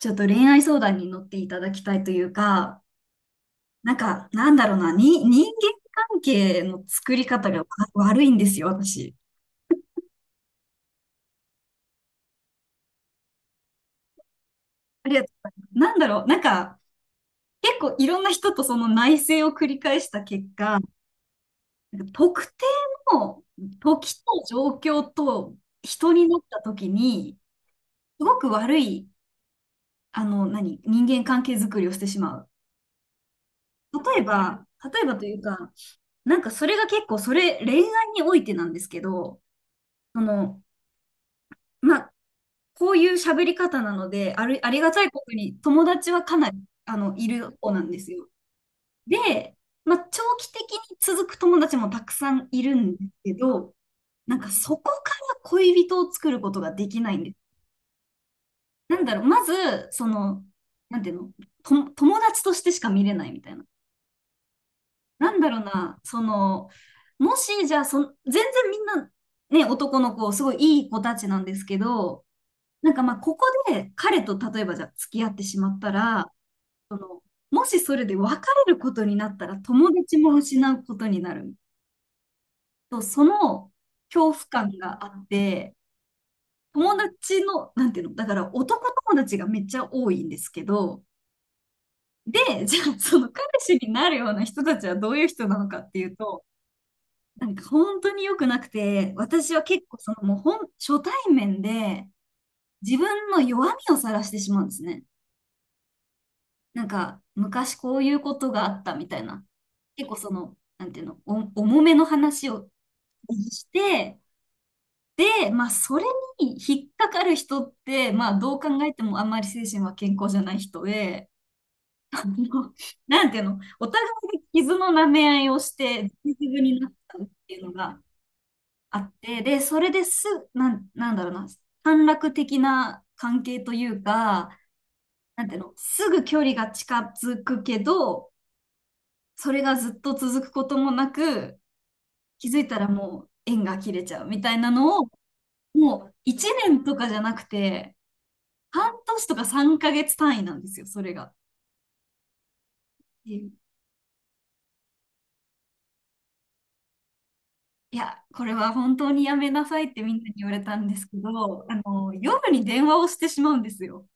ちょっと恋愛相談に乗っていただきたいというか、なんか、なんだろうな、に、人間関係の作り方が悪いんですよ、私。ありがとうございます。結構いろんな人とその内省を繰り返した結果、特定の時と状況と人になった時に、すごく悪い、人間関係作りをしてしまう。例えばというか、それが結構、恋愛においてなんですけど、その、まあ、こういう喋り方なので、ありがたいことに友達はかなり、いる方なんですよ。で、まあ、長期的に続く友達もたくさんいるんですけど、そこから恋人を作ることができないんです。まず、その、なんていうの、友達としてしか見れないみたいな。なんだろうな、その、もし、じゃあ全然みんな、ね、男の子、すごいいい子たちなんですけど、まあ、ここで彼と例えばじゃあ付き合ってしまったら、もしそれで別れることになったら友達も失うことになる。その恐怖感があって、友達の、なんていうの、だから男友達がめっちゃ多いんですけど、で、じゃあその彼氏になるような人たちはどういう人なのかっていうと、本当に良くなくて、私は結構そのもう本、初対面で自分の弱みを晒してしまうんですね。昔こういうことがあったみたいな。結構なんていうの、重めの話をして、で、まあ、それに引っかかる人って、まあ、どう考えてもあんまり精神は健康じゃない人で、あのなんていうの、お互いが傷の舐め合いをして、自分になったっていうのがあって、で、それですぐ、なんだろうな、短絡的な関係というか、なんていうの、すぐ距離が近づくけど、それがずっと続くこともなく、気づいたらもう縁が切れちゃうみたいなのを、もう1年とかじゃなくて、半年とか3ヶ月単位なんですよ、それが。いや、これは本当にやめなさいってみんなに言われたんですけど、夜に電話をしてしまうんですよ。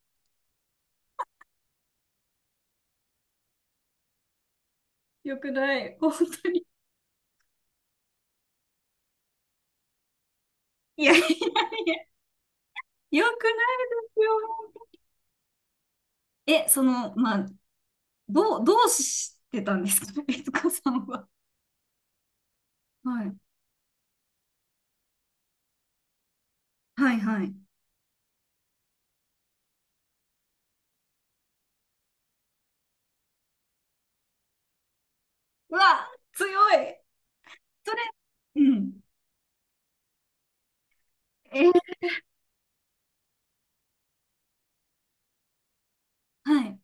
よくない、本当に。いやいやいや、よくないよ。え、その、まあ、どうしてたんですか、悦子さんは。はい。はいはい。うわ、強い。それ、うん。えー、はい。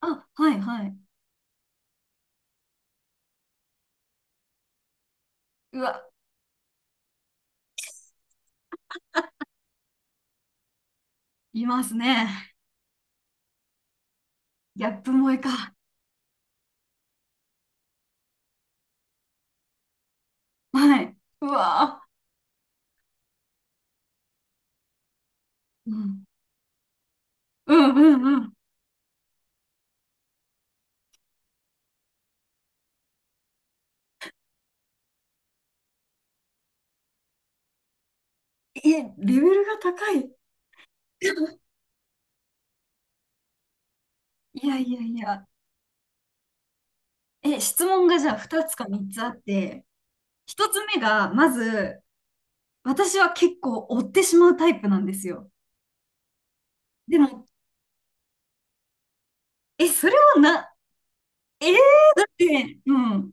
あ、はいはい。うわ、いますね。ギャップ萌えか。はい。うわー、うん。うんうんうん。え、レベルが高い。いやいやいや。え、質問がじゃあ2つか3つあって、1つ目が、まず、私は結構追ってしまうタイプなんですよ。でも、え、それはな、えー、だって、うん。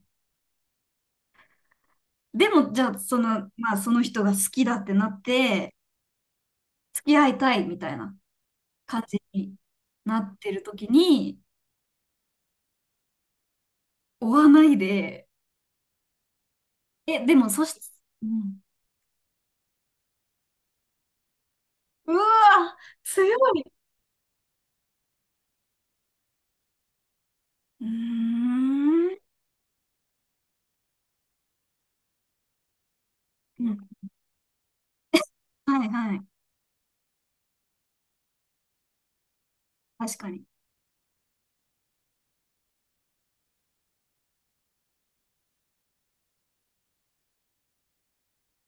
でも、じゃあ、まあ、その人が好きだってなって、付き合いたいみたいな。感じになってる時に追わないで、え、でもそし、うん、うわー、強い。うーん。うん、 はいはい。確かに。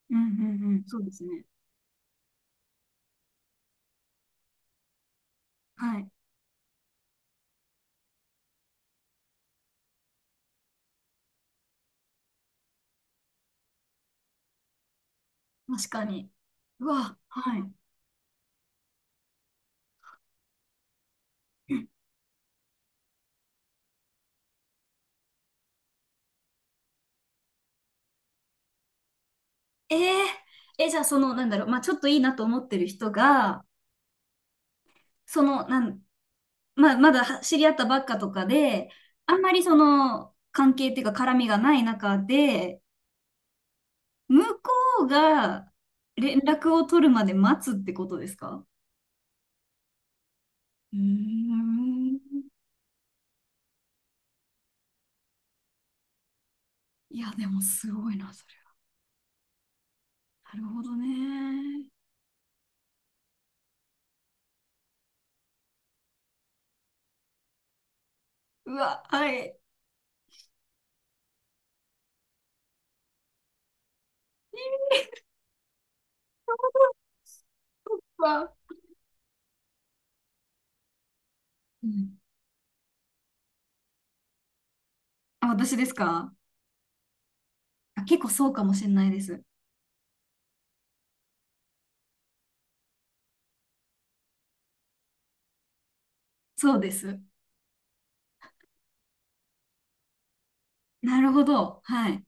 うんうんうん。そうですね。はい。確かに。うわ、はい。うん、えー、じゃあまあちょっといいなと思ってる人が、その、なん、まあまだは知り合ったばっかとかで、あんまり関係っていうか絡みがない中で、向こうが連絡を取るまで待つってことですか？うーん。いや、でもすごいな、それは。なるほどね。うわ、はい。うわ、うん、あ、私ですか？あ、結構そうかもしれないです。そうです。なるほど。はい。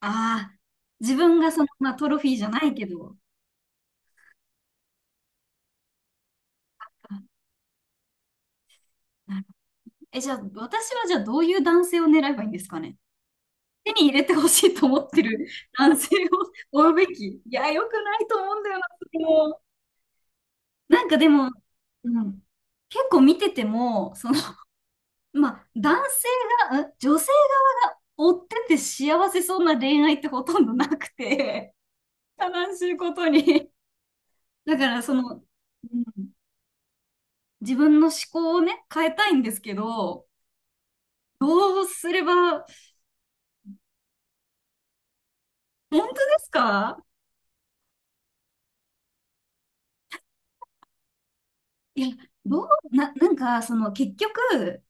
ああ、自分がまあ、トロフィーじゃないけど。あ、なるほど。じゃあ、私はじゃあどういう男性を狙えばいいんですかね？手に入れてほしいと思ってる 男性を追うべき。いや、良くないと思うんだよな、それも。なんかでも、うん、結構見てても、その、まあ、男性が、うん、女性側が追ってて幸せそうな恋愛ってほとんどなくて、悲しいことに。だからうん、自分の思考をね、変えたいんですけど、どうすれば、本当ですか？いや、どう、な、なんか、その結局、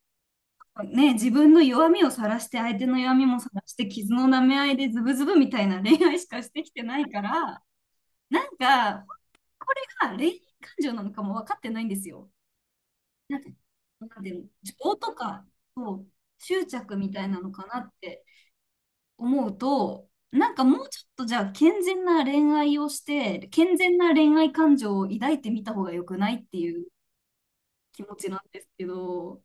ね、自分の弱みを晒して、相手の弱みも晒して、傷の舐め合いでズブズブみたいな恋愛しかしてきてないから、なんか、これが恋愛感情なのかも分かってないんですよ。なんか、なんで、情とか執着みたいなのかなって思うと、もうちょっとじゃあ健全な恋愛をして、健全な恋愛感情を抱いてみた方が良くないっていう気持ちなんですけど、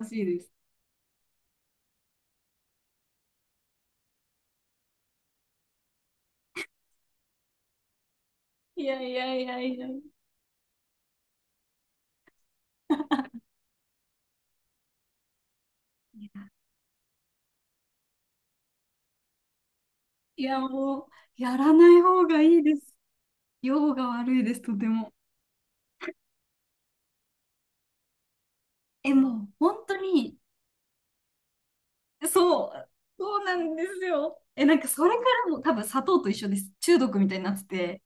難しいです。いやいやいやいや。いや、もう、やらない方がいいです。用が悪いです、とても。え、もう、本当に、そう、そうなんですよ。え、なんか、それからも多分、砂糖と一緒です。中毒みたいになってて。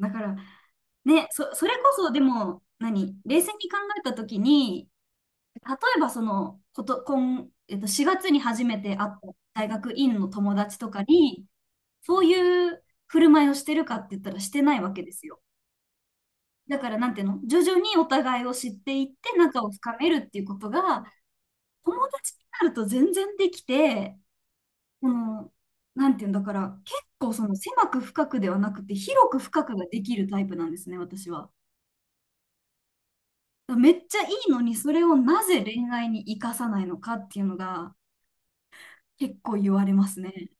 だから、ね、それこそ、でも、何、冷静に考えたときに、例えば、今、4月に初めて会った大学院の友達とかに、そういう振る舞いをしてるかって言ったら、してないわけですよ。だから、なんていうの、徐々にお互いを知っていって仲を深めるっていうことが、友達になると全然できて、その、なんていうんだから、結構狭く深くではなくて、広く深くができるタイプなんですね、私は。だからめっちゃいいのに、それをなぜ恋愛に生かさないのかっていうのが結構言われますね。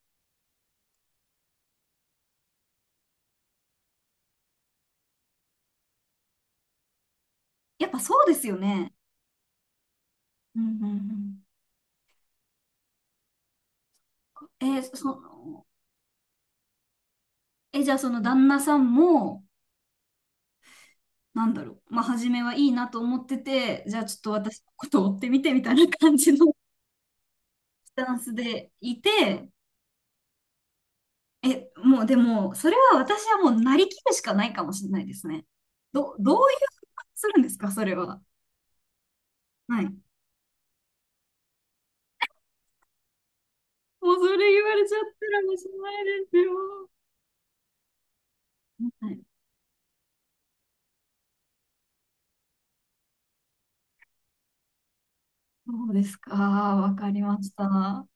やっぱそうですよね。うんうんうん。じゃあその旦那さんも、まあ、初めはいいなと思ってて、じゃあちょっと私のことを追ってみてみたいな感じのスタンスでいて、もうでも、それは私はもうなりきるしかないかもしれないですね。どういう、するんですか、それは。はい。もうそれ言われちゃったらもうしないですよ。はい。そうですか、わかりました。